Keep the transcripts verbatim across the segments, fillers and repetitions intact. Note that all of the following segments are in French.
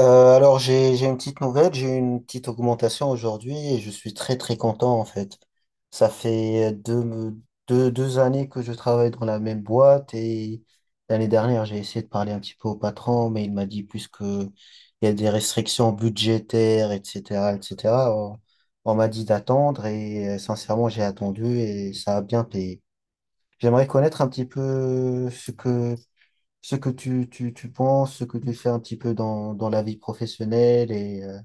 Euh, alors j'ai j'ai une petite nouvelle, j'ai eu une petite augmentation aujourd'hui et je suis très très content en fait. Ça fait deux, deux, deux années que je travaille dans la même boîte et l'année dernière j'ai essayé de parler un petit peu au patron mais il m'a dit puisque il y a des restrictions budgétaires etc etc on, on m'a dit d'attendre et euh, sincèrement j'ai attendu et ça a bien payé. J'aimerais connaître un petit peu ce que ce que tu, tu, tu penses, ce que tu fais un petit peu dans, dans la vie professionnelle et euh,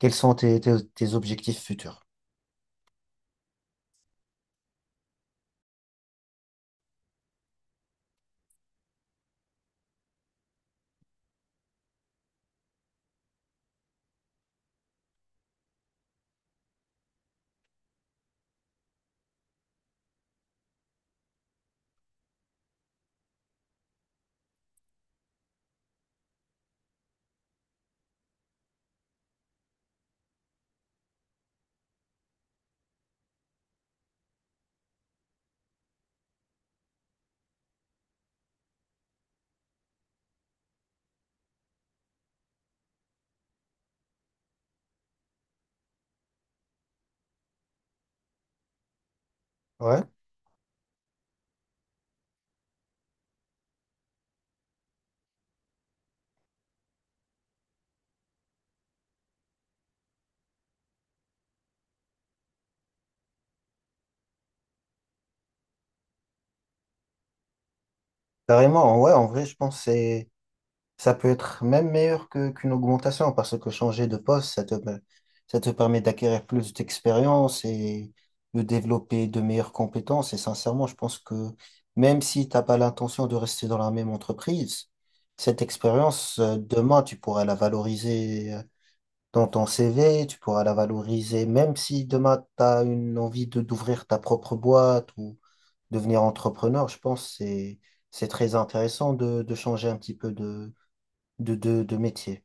quels sont tes, tes, tes objectifs futurs. Ouais, carrément, ouais, en vrai, je pense que c'est- ça peut être même meilleur que, qu'une augmentation parce que changer de poste, ça te, ça te permet d'acquérir plus d'expérience et de développer de meilleures compétences. Et sincèrement, je pense que même si t'as pas l'intention de rester dans la même entreprise, cette expérience, euh, demain, tu pourras la valoriser euh, dans ton C V, tu pourras la valoriser, même si demain tu as une envie de d'ouvrir ta propre boîte ou devenir entrepreneur, je pense que c'est c'est très intéressant de, de changer un petit peu de, de, de, de métier.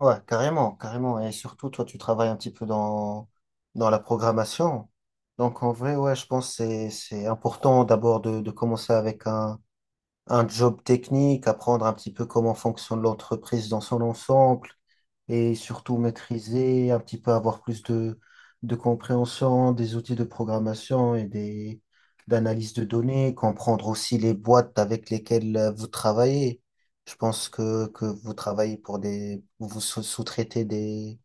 Ouais, carrément, carrément. Et surtout, toi, tu travailles un petit peu dans, dans la programmation. Donc, en vrai, ouais, je pense que c'est, c'est important d'abord de, de commencer avec un, un job technique, apprendre un petit peu comment fonctionne l'entreprise dans son ensemble, et surtout maîtriser, un petit peu avoir plus de, de compréhension des outils de programmation et des, d'analyse de données, comprendre aussi les boîtes avec lesquelles euh, vous travaillez. Je pense que, que vous travaillez pour des, vous sous- sous-traitez des,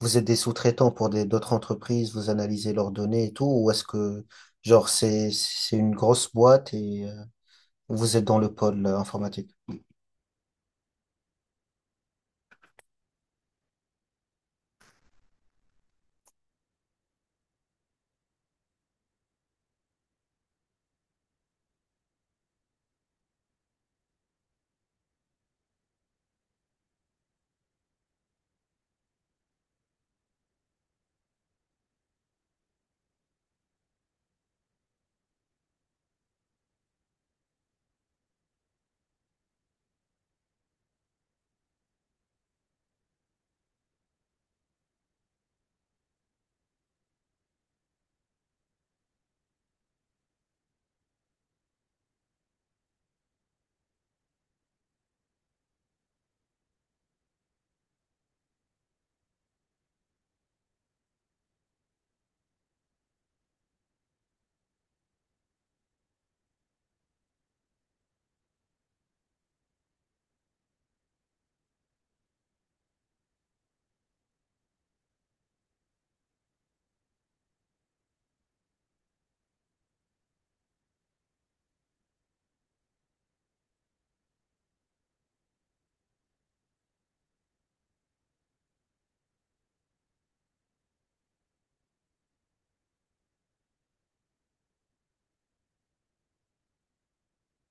vous êtes des sous-traitants pour des, d'autres entreprises, vous analysez leurs données et tout, ou est-ce que, genre, c'est, c'est une grosse boîte et euh, vous êtes dans le pôle euh, informatique?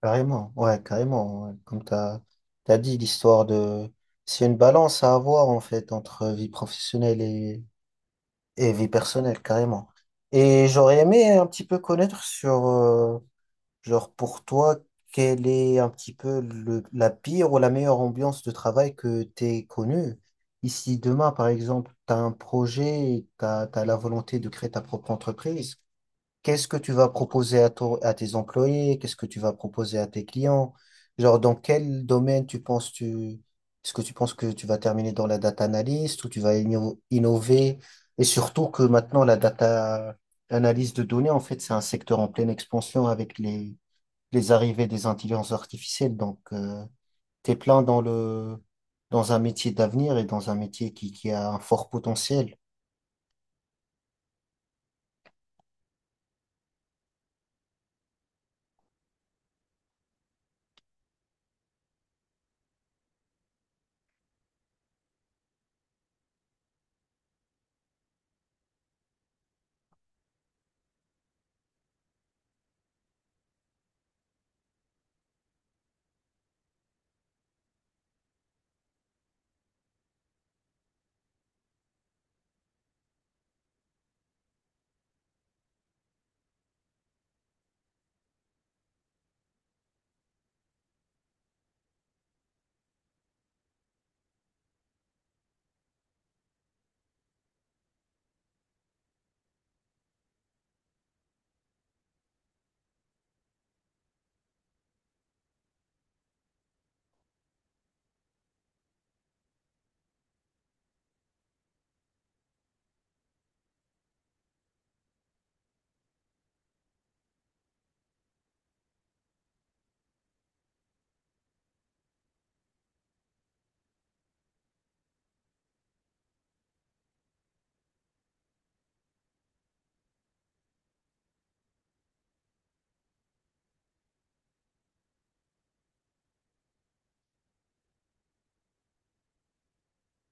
Carrément, ouais, carrément, ouais. Comme tu as dit, l'histoire de... C'est une balance à avoir, en fait, entre vie professionnelle et, et vie personnelle, carrément. Et j'aurais aimé un petit peu connaître sur, euh, genre, pour toi, quelle est un petit peu le, la pire ou la meilleure ambiance de travail que t'aies connue. Ici, demain, par exemple, tu as un projet et tu as la volonté de créer ta propre entreprise. Qu'est-ce que tu vas proposer à, ton- à tes employés? Qu'est-ce que tu vas proposer à tes clients? Genre, dans quel domaine tu penses tu, est-ce que tu penses que tu vas terminer dans la data analyst ou tu vas inno- innover? Et surtout que maintenant, la data analyse de données, en fait, c'est un secteur en pleine expansion avec les, les arrivées des intelligences artificielles. Donc, euh, t'es plein dans le, dans un métier d'avenir et dans un métier qui, qui a un fort potentiel.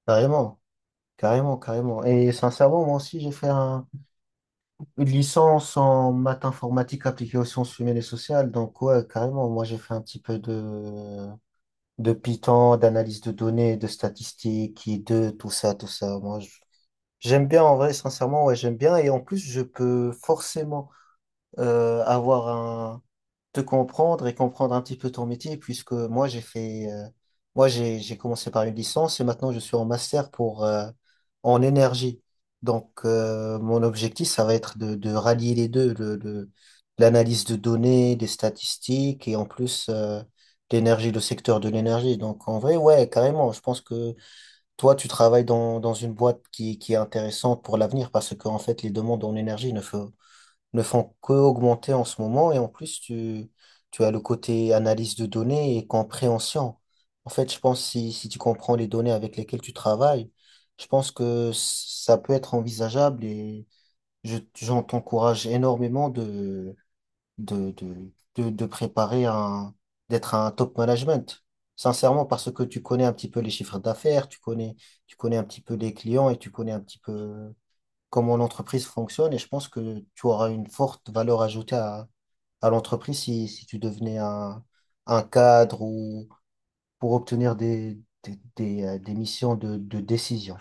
Carrément, carrément, carrément. Et sincèrement, moi aussi, j'ai fait un- une licence en maths informatique appliquée aux sciences humaines et sociales. Donc, ouais, carrément, moi, j'ai fait un petit peu de, de Python, d'analyse de données, de statistiques, et de tout ça, tout ça. Moi, je- j'aime bien en vrai, sincèrement, ouais, j'aime bien. Et en plus, je peux forcément euh, avoir un, te comprendre et comprendre un petit peu ton métier, puisque moi j'ai fait, euh, moi j'ai j'ai commencé par une licence et maintenant je suis en master pour euh, en énergie. Donc euh, mon objectif, ça va être de, de rallier les deux, le, le- l'analyse de données, des statistiques et en plus euh, l'énergie, le secteur de l'énergie. Donc en vrai, ouais, carrément. Je pense que toi, tu travailles dans, dans une boîte qui, qui est intéressante pour l'avenir parce que en fait, les demandes en énergie ne, fe- ne font qu'augmenter en ce moment. Et en plus, tu, tu as le côté analyse de données et compréhension. En fait, je pense si, si tu comprends les données avec lesquelles tu travailles, je pense que ça peut être envisageable et je, j'en t'encourage énormément de, de, de, de, de préparer un, d'être un top management. Sincèrement, parce que tu connais un petit peu les chiffres d'affaires, tu connais, tu connais un petit peu les clients et tu connais un petit peu comment l'entreprise fonctionne et je pense que tu auras une forte valeur ajoutée à, à l'entreprise si, si tu devenais un, un cadre ou pour obtenir des, des, des, euh, des missions de, de décision.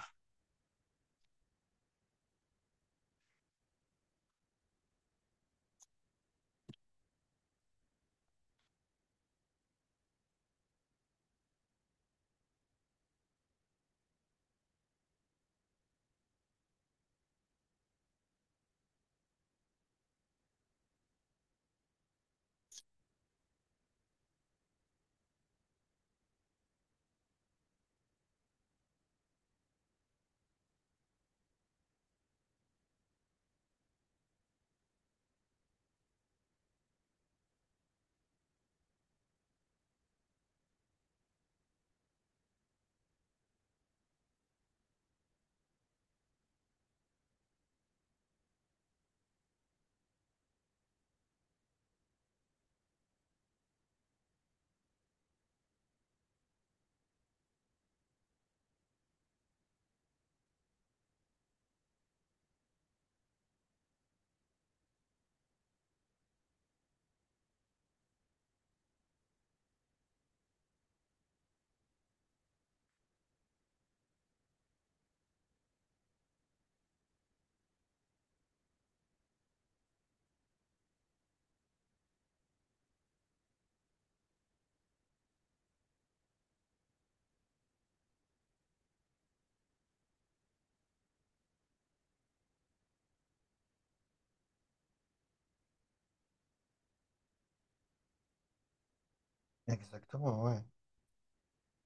Exactement, ouais.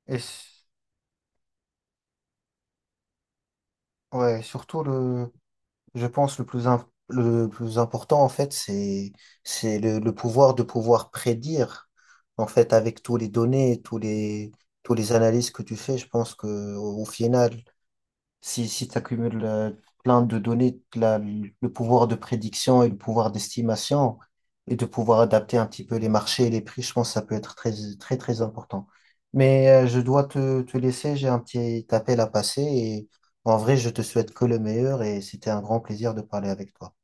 Et s- ouais, surtout le, je pense le plus im- le plus important en fait, c'est c'est le, le pouvoir de pouvoir prédire en fait avec tous les données, tous les tous les analyses que tu fais, je pense que au au final si, si tu accumules euh, plein de données, la- le pouvoir de prédiction et le pouvoir d'estimation et de pouvoir adapter un petit peu les marchés et les prix, je pense que ça peut être très, très, très important. Mais euh, je dois te, te laisser, j'ai un petit appel à passer et en vrai, je te souhaite que le meilleur et c'était un grand plaisir de parler avec toi.